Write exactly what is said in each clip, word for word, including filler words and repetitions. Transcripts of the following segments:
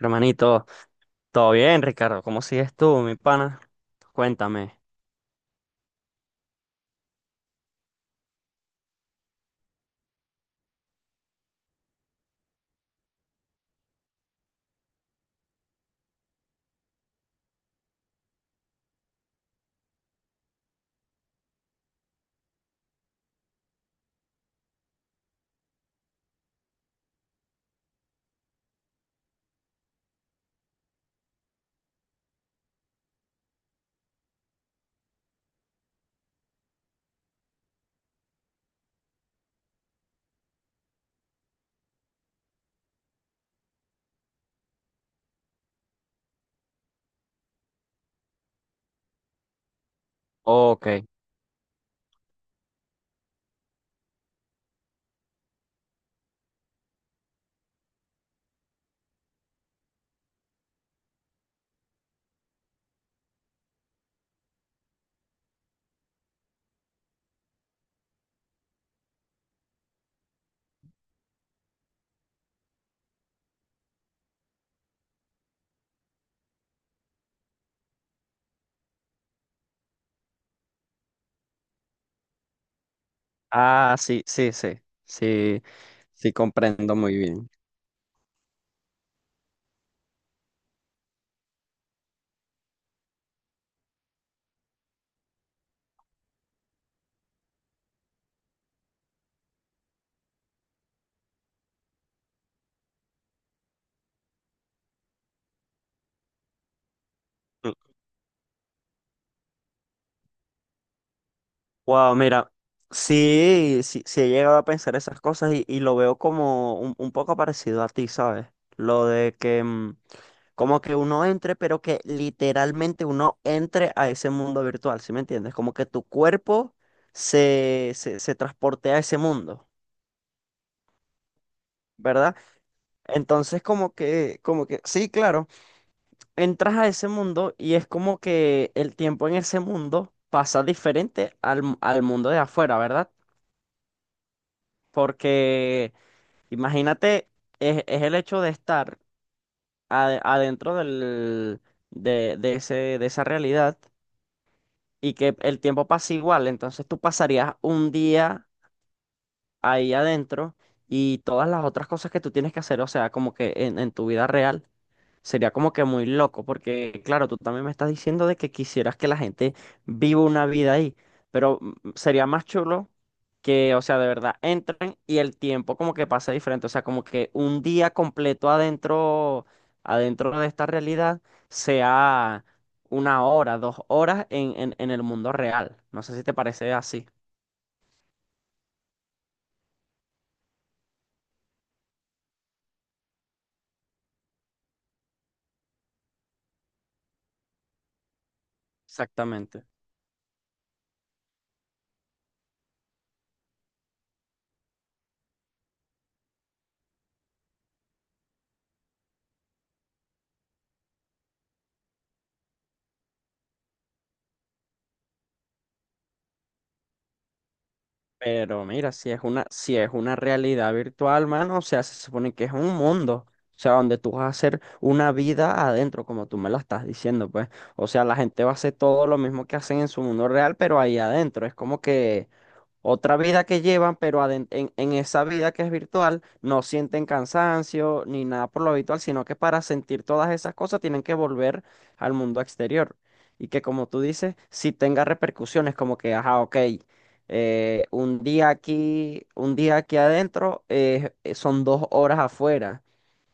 Hermanito, ¿todo bien, Ricardo? ¿Cómo sigues tú, mi pana? Cuéntame. Ok. Ah, sí, sí, sí. Sí, sí, comprendo muy bien. Wow, mira, sí, sí, sí he llegado a pensar esas cosas y, y lo veo como un, un poco parecido a ti, ¿sabes? Lo de que mm, como que uno entre, pero que literalmente uno entre a ese mundo virtual, ¿sí me entiendes? Como que tu cuerpo se, se, se transporte a ese mundo, ¿verdad? Entonces como que, como que, sí, claro, entras a ese mundo y es como que el tiempo en ese mundo pasa diferente al, mu- al mundo de afuera, ¿verdad? Porque imagínate, es, es el hecho de estar ade- adentro del, de, de ese, de esa realidad y que el tiempo pasa igual, entonces tú pasarías un día ahí adentro y todas las otras cosas que tú tienes que hacer, o sea, como que en en tu vida real. Sería como que muy loco, porque claro, tú también me estás diciendo de que quisieras que la gente viva una vida ahí, pero mm, mm, sería más chulo que, o sea, de verdad entren y el tiempo como que pasa diferente, o sea, como que un día completo adentro, adentro de esta realidad sea una hora, dos horas en, en, en el mundo real. No sé si te parece así, exactamente. Pero mira, si es una, si es una realidad virtual, mano, o sea, se supone que es un mundo, o sea, donde tú vas a hacer una vida adentro, como tú me lo estás diciendo, pues. O sea, la gente va a hacer todo lo mismo que hacen en su mundo real, pero ahí adentro. Es como que otra vida que llevan, pero aden- en, en esa vida que es virtual no sienten cansancio ni nada por lo habitual, sino que para sentir todas esas cosas tienen que volver al mundo exterior. Y que como tú dices, si tenga repercusiones, como que, ajá, ok, eh, un día aquí, un día aquí adentro eh, eh, son dos horas afuera.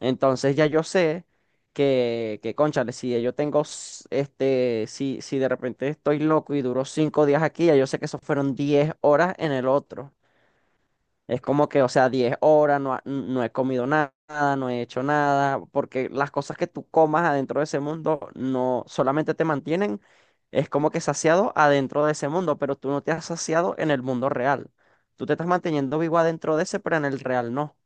Entonces ya yo sé que, que cónchale, si yo tengo, s- este, si, si de repente estoy loco y duró cinco días aquí, ya yo sé que eso fueron diez horas en el otro. Es como que, o sea, diez horas, no, ha- no he comido nada, no he hecho nada, porque las cosas que tú comas adentro de ese mundo no solamente te mantienen, es como que saciado adentro de ese mundo, pero tú no te has saciado en el mundo real. Tú te estás manteniendo vivo adentro de ese, pero en el real no.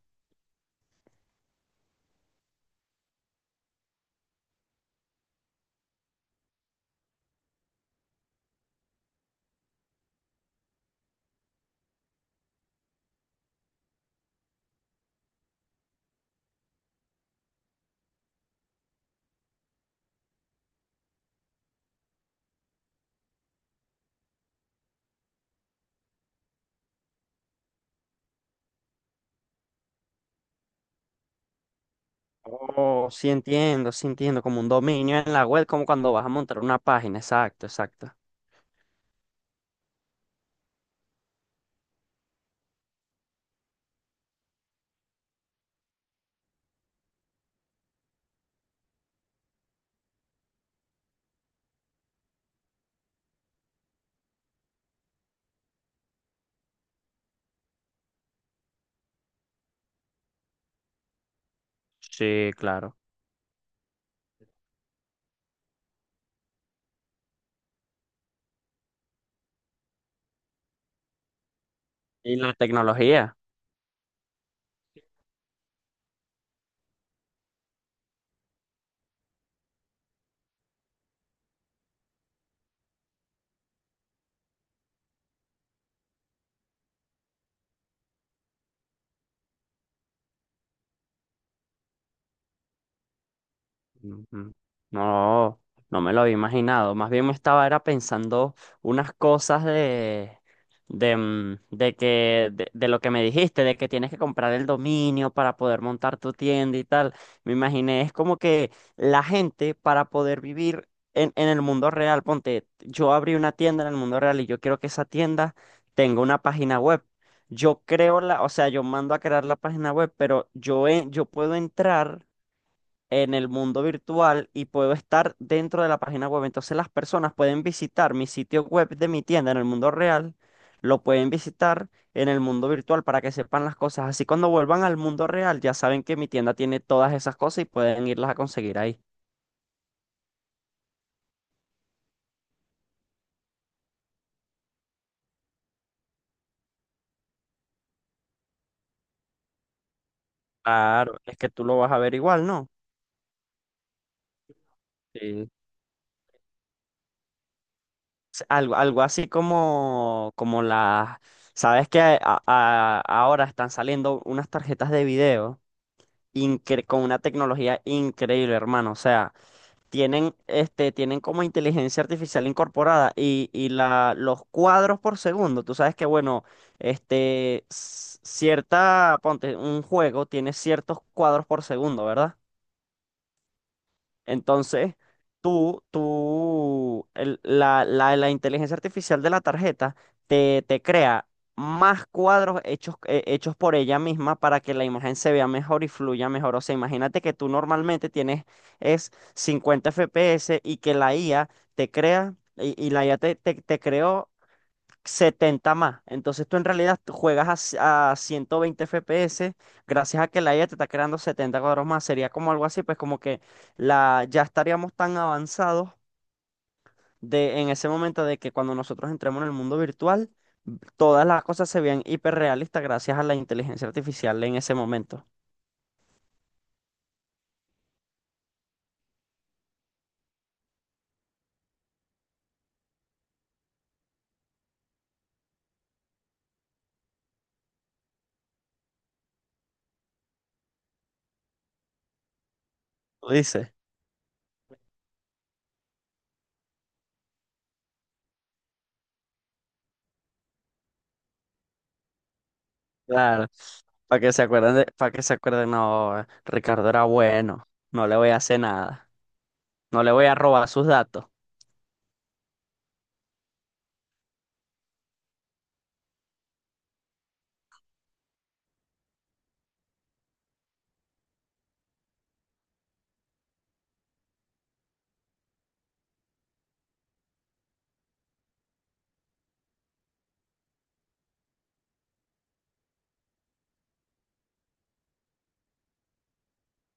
Oh, sí entiendo, sí entiendo, como un dominio en la web, como cuando vas a montar una página, exacto, exacto. Sí, claro. Y la tecnología. Ujú. No, no me lo había imaginado. Más bien me estaba era pensando unas cosas de, de, mm, de que, de, de lo que me dijiste, de que tienes que comprar el dominio para poder montar tu tienda y tal. Me imaginé, es como que la gente para poder vivir en, en el mundo real, ponte, yo abrí una tienda en el mundo real y yo quiero que esa tienda tenga una página web. Yo creo la, o sea, yo mando a crear la página web, pero yo, en- yo puedo entrar en el mundo virtual y puedo estar dentro de la página web. Entonces las personas pueden visitar mi sitio web de mi tienda en el mundo real, lo pueden visitar en el mundo virtual para que sepan las cosas. Así cuando vuelvan al mundo real ya saben que mi tienda tiene todas esas cosas y pueden irlas a conseguir ahí. Claro, es que tú lo vas a ver igual, ¿no? Sí. s- Algo, algo así como, como, las... ¿Sabes que a- a- ahora están saliendo unas tarjetas de video incre- con una tecnología increíble, hermano? O sea, tienen, este, tienen como inteligencia artificial incorporada y, y la, los cuadros por segundo, tú sabes que, bueno, este, s- cierta, ponte, un juego tiene ciertos cuadros por segundo, ¿verdad? Entonces, tú, tú, el- la, la, la inteligencia artificial de la tarjeta te, te crea más cuadros hechos, eh, hechos por ella misma para que la imagen se vea mejor y fluya mejor. O sea, imagínate que tú normalmente tienes es cincuenta F P S y que la I A te crea, y, y la I A te, te, te creó setenta más. Entonces tú en realidad tú juegas a, c- a ciento veinte F P S gracias a que la I A te está creando setenta cuadros más. Sería como algo así, pues como que la, ya estaríamos tan avanzados de, en ese momento de que cuando nosotros entremos en el mundo virtual, todas las cosas se vean hiperrealistas gracias a la inteligencia artificial en ese momento. ¿Lo dices? Claro. Para que se acuerden de, para que se acuerden, no, Ricardo era bueno, no le voy a hacer nada, no le voy a robar sus datos.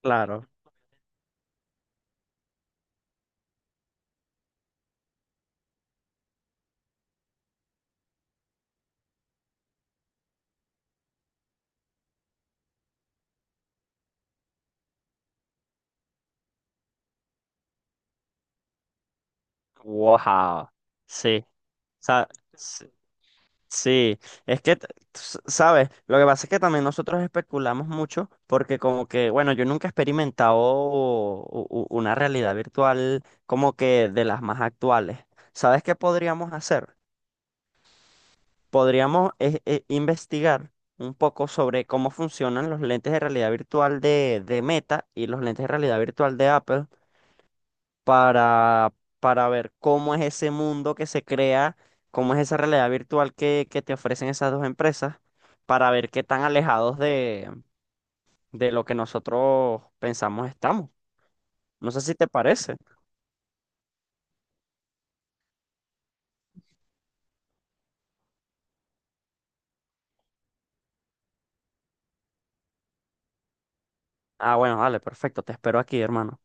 Claro. Wow, sí, sa- s- sí, es que, t- s- ¿sabes? Lo que pasa es que también nosotros especulamos mucho porque como que, bueno, yo nunca he experimentado u- u- una realidad virtual como que de las más actuales. ¿Sabes qué podríamos hacer? Podríamos eh, eh, investigar un poco sobre cómo funcionan los lentes de realidad virtual de, de Meta y los lentes de realidad virtual de Apple para, para ver cómo es ese mundo que se crea, cómo es esa realidad virtual que, que te ofrecen esas dos empresas, para ver qué tan alejados de, de lo que nosotros pensamos estamos. No sé si te parece. Ah, bueno, vale, perfecto, te espero aquí, hermano.